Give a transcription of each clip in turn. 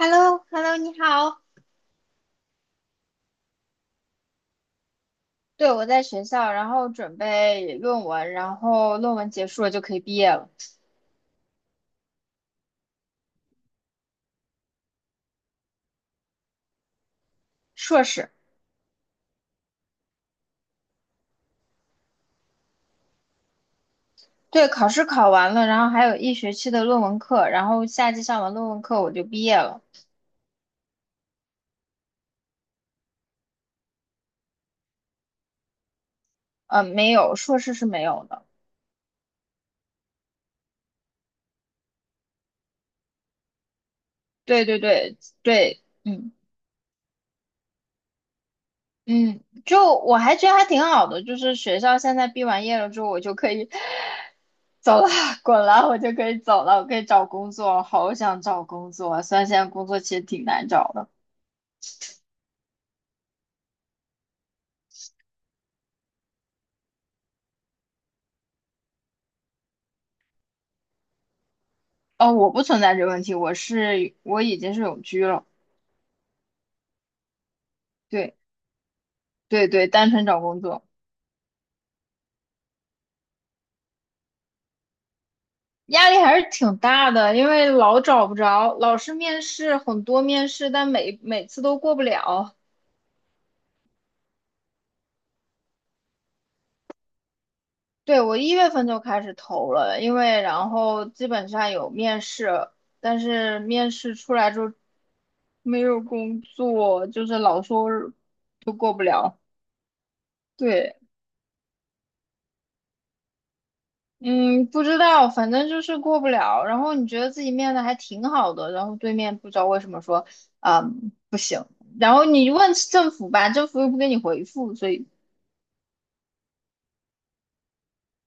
h e l l o h e l l o 你好。对，我在学校，然后准备论文，然后论文结束了就可以毕业了。硕士，对，考试考完了，然后还有一学期的论文课，然后夏季上完论文课我就毕业了。没有，硕士是没有的。对对对对，嗯嗯，就我还觉得还挺好的，就是学校现在毕完业了之后，我就可以 走了，滚了，我就可以走了，我可以找工作，好想找工作啊，虽然现在工作其实挺难找的。哦，我不存在这个问题，我是我已经是永居了，对对对，单纯找工作压力还是挺大的，因为老找不着，老是面试很多面试，但每次都过不了。对，我一月份就开始投了，因为然后基本上有面试，但是面试出来之后没有工作，就是老说都过不了。对。嗯，不知道，反正就是过不了。然后你觉得自己面的还挺好的，然后对面不知道为什么说，嗯，不行。然后你问政府吧，政府又不给你回复，所以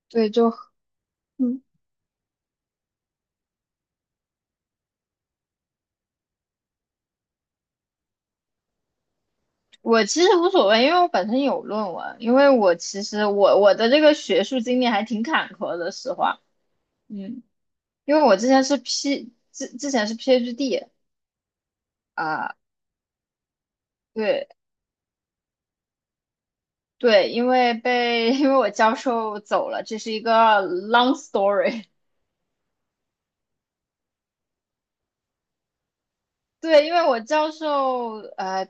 对，就嗯，我其实无所谓，因为我本身有论文，因为我其实我的这个学术经历还挺坎坷的，实话，嗯，因为我之前是 之前是 PhD 啊、对对，因为被 因为我教授走了，这是一个 long story。对，因为我教授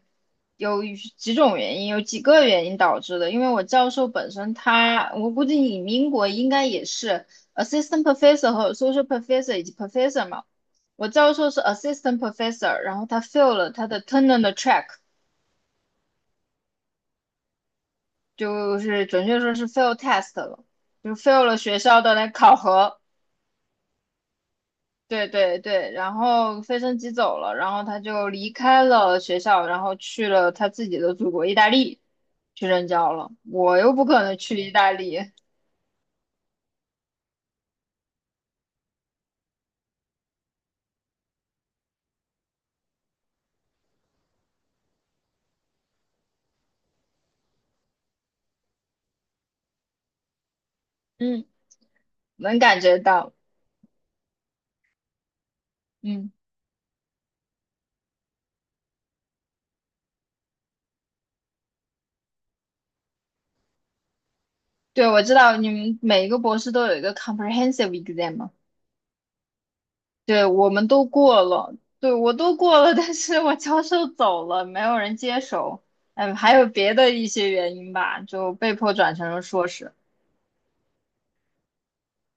有几种原因，有几个原因导致的。因为我教授本身他，我估计你们英国应该也是 assistant professor 和 associate professor 以及 professor 嘛。我教授是 assistant professor，然后他 fail 了他的 tenure 的 track，就是准确说是 fail test 了，就 fail 了学校的那考核。对对对，然后飞升机走了，然后他就离开了学校，然后去了他自己的祖国意大利去任教了。我又不可能去意大利，嗯，能感觉到。嗯，对，我知道你们每一个博士都有一个 comprehensive exam 嘛，对，我们都过了，对，我都过了，但是我教授走了，没有人接手，嗯，还有别的一些原因吧，就被迫转成了硕士。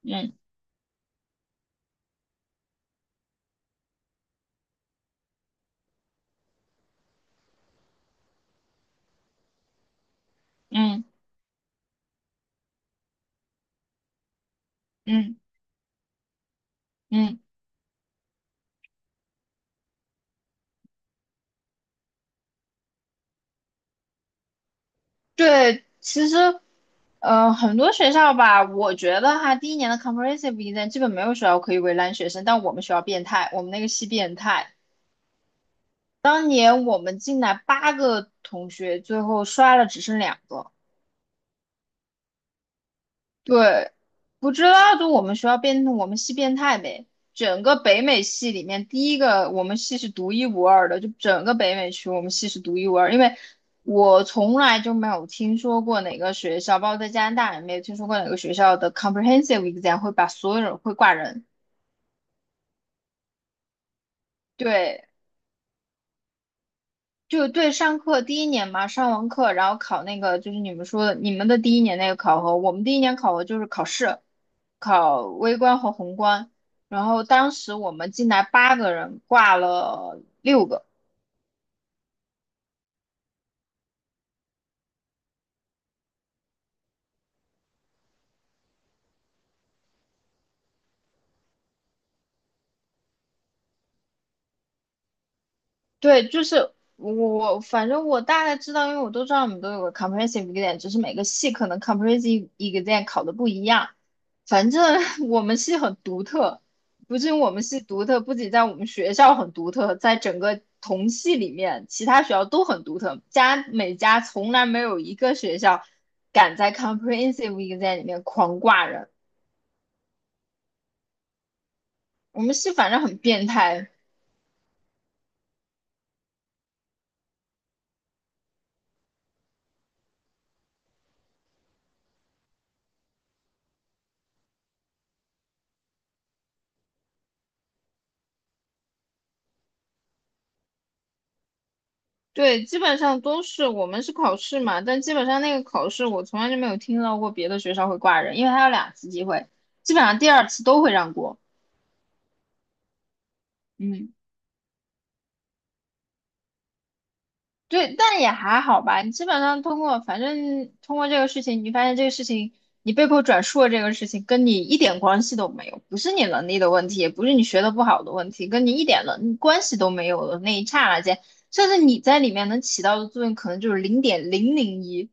嗯嗯嗯嗯。对，其实，很多学校吧，我觉得哈，第一年的 comprehensive exam 基本没有学校可以为难学生，但我们学校变态，我们那个系变态。当年我们进来8个同学，最后刷了只剩两个，对，不知道就我们学校变，我们系变态呗。整个北美系里面，第一个我们系是独一无二的，就整个北美区我们系是独一无二。因为我从来就没有听说过哪个学校，包括在加拿大也没有听说过哪个学校的 comprehensive exam 会把所有人会挂人。对，就对，上课第一年嘛，上完课然后考那个，就是你们说的你们的第一年那个考核，我们第一年考核就是考试，考微观和宏观。然后当时我们进来8个人，挂了6个。对，就是我，反正我大概知道，因为我都知道我们都有个 comprehensive exam，只是每个系可能 comprehensive exam 考的不一样。反正 我们系很独特，不仅我们系独特，不仅在我们学校很独特，在整个同系里面，其他学校都很独特。家每家从来没有一个学校敢在 comprehensive exam 里面狂挂人。我们系反正很变态，对，基本上都是我们是考试嘛，但基本上那个考试我从来就没有听到过别的学校会挂人，因为它有两次机会，基本上第二次都会让过。嗯，对，但也还好吧。你基本上通过，反正通过这个事情，你发现这个事情，你被迫转述的这个事情跟你一点关系都没有，不是你能力的问题，也不是你学的不好的问题，跟你一点能关系都没有的那一刹那间，甚至你在里面能起到的作用可能就是0.001。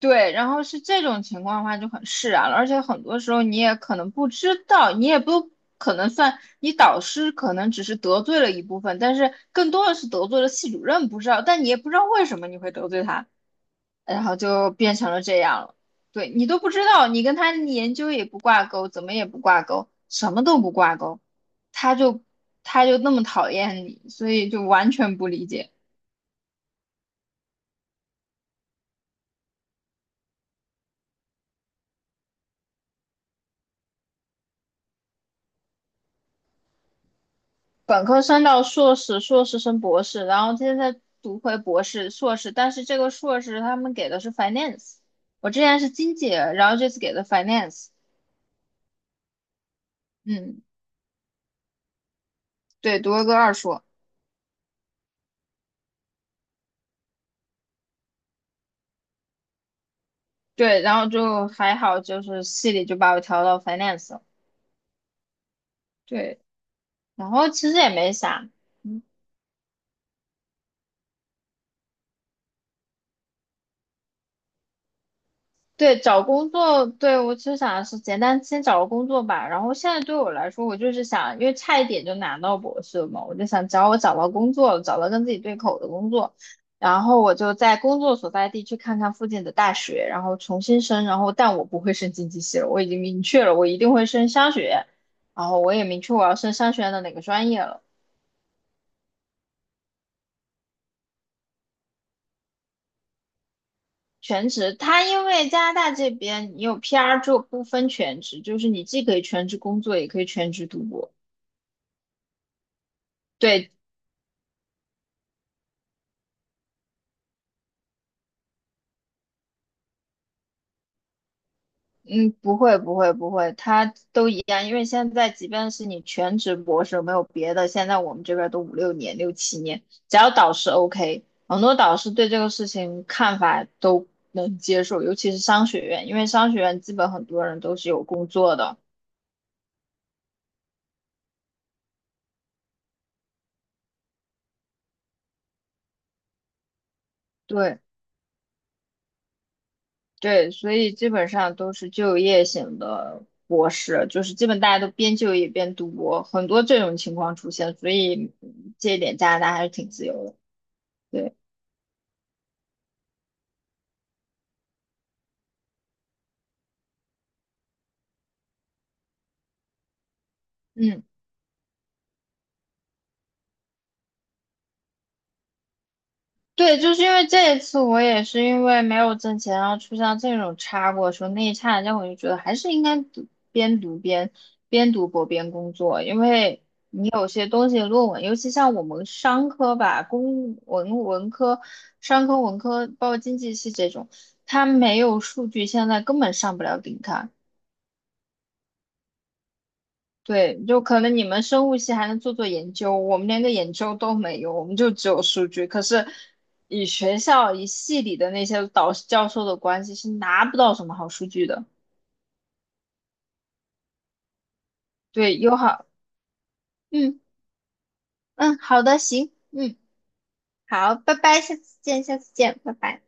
对，然后是这种情况的话就很释然了，而且很多时候你也可能不知道，你也不可能算你导师可能只是得罪了一部分，但是更多的是得罪了系主任，不知道，但你也不知道为什么你会得罪他，然后就变成了这样了。对你都不知道，你跟他的研究也不挂钩，怎么也不挂钩，什么都不挂钩，他就他就那么讨厌你，所以就完全不理解。本科升到硕士，硕士升博士，然后现在读回博士、硕士，但是这个硕士他们给的是 finance，我之前是经济，然后这次给的 finance，嗯，对，读了个二硕，对，然后就还好，就是系里就把我调到 finance 了，对，然后其实也没啥，嗯。对，找工作，对，我其实想的是简单先找个工作吧。然后现在对我来说，我就是想，因为差一点就拿到博士了嘛，我就想，只要我找到工作了，找到跟自己对口的工作，然后我就在工作所在地去看看附近的大学，然后重新申。然后，但我不会申经济系了，我已经明确了，我一定会申商学。院。然后我也明确我要升商学院的哪个专业了。全职，它因为加拿大这边你有 PR 就不分全职，就是你既可以全职工作，也可以全职读博。对。嗯，不会，不会，不会，它都一样。因为现在，即便是你全职博士，没有别的，现在我们这边都五六年、六七年，只要导师 OK，很多导师对这个事情看法都能接受，尤其是商学院，因为商学院基本很多人都是有工作的，对对，所以基本上都是就业型的博士，就是基本大家都边就业边读博，很多这种情况出现，所以嗯这一点加拿大还是挺自由的，对，嗯。对，就是因为这一次我也是因为没有挣钱，然后出现这种差过的时候那一刹那我就觉得还是应该读边读边边读博边工作，因为你有些东西论文，尤其像我们商科吧，公文文科、商科文科，包括经济系这种，它没有数据，现在根本上不了顶刊。对，就可能你们生物系还能做做研究，我们连个研究都没有，我们就只有数据。可是以学校以系里的那些导师教授的关系是拿不到什么好数据的。对，友好，嗯嗯，好的，行，嗯，好，拜拜，下次见，下次见，拜拜。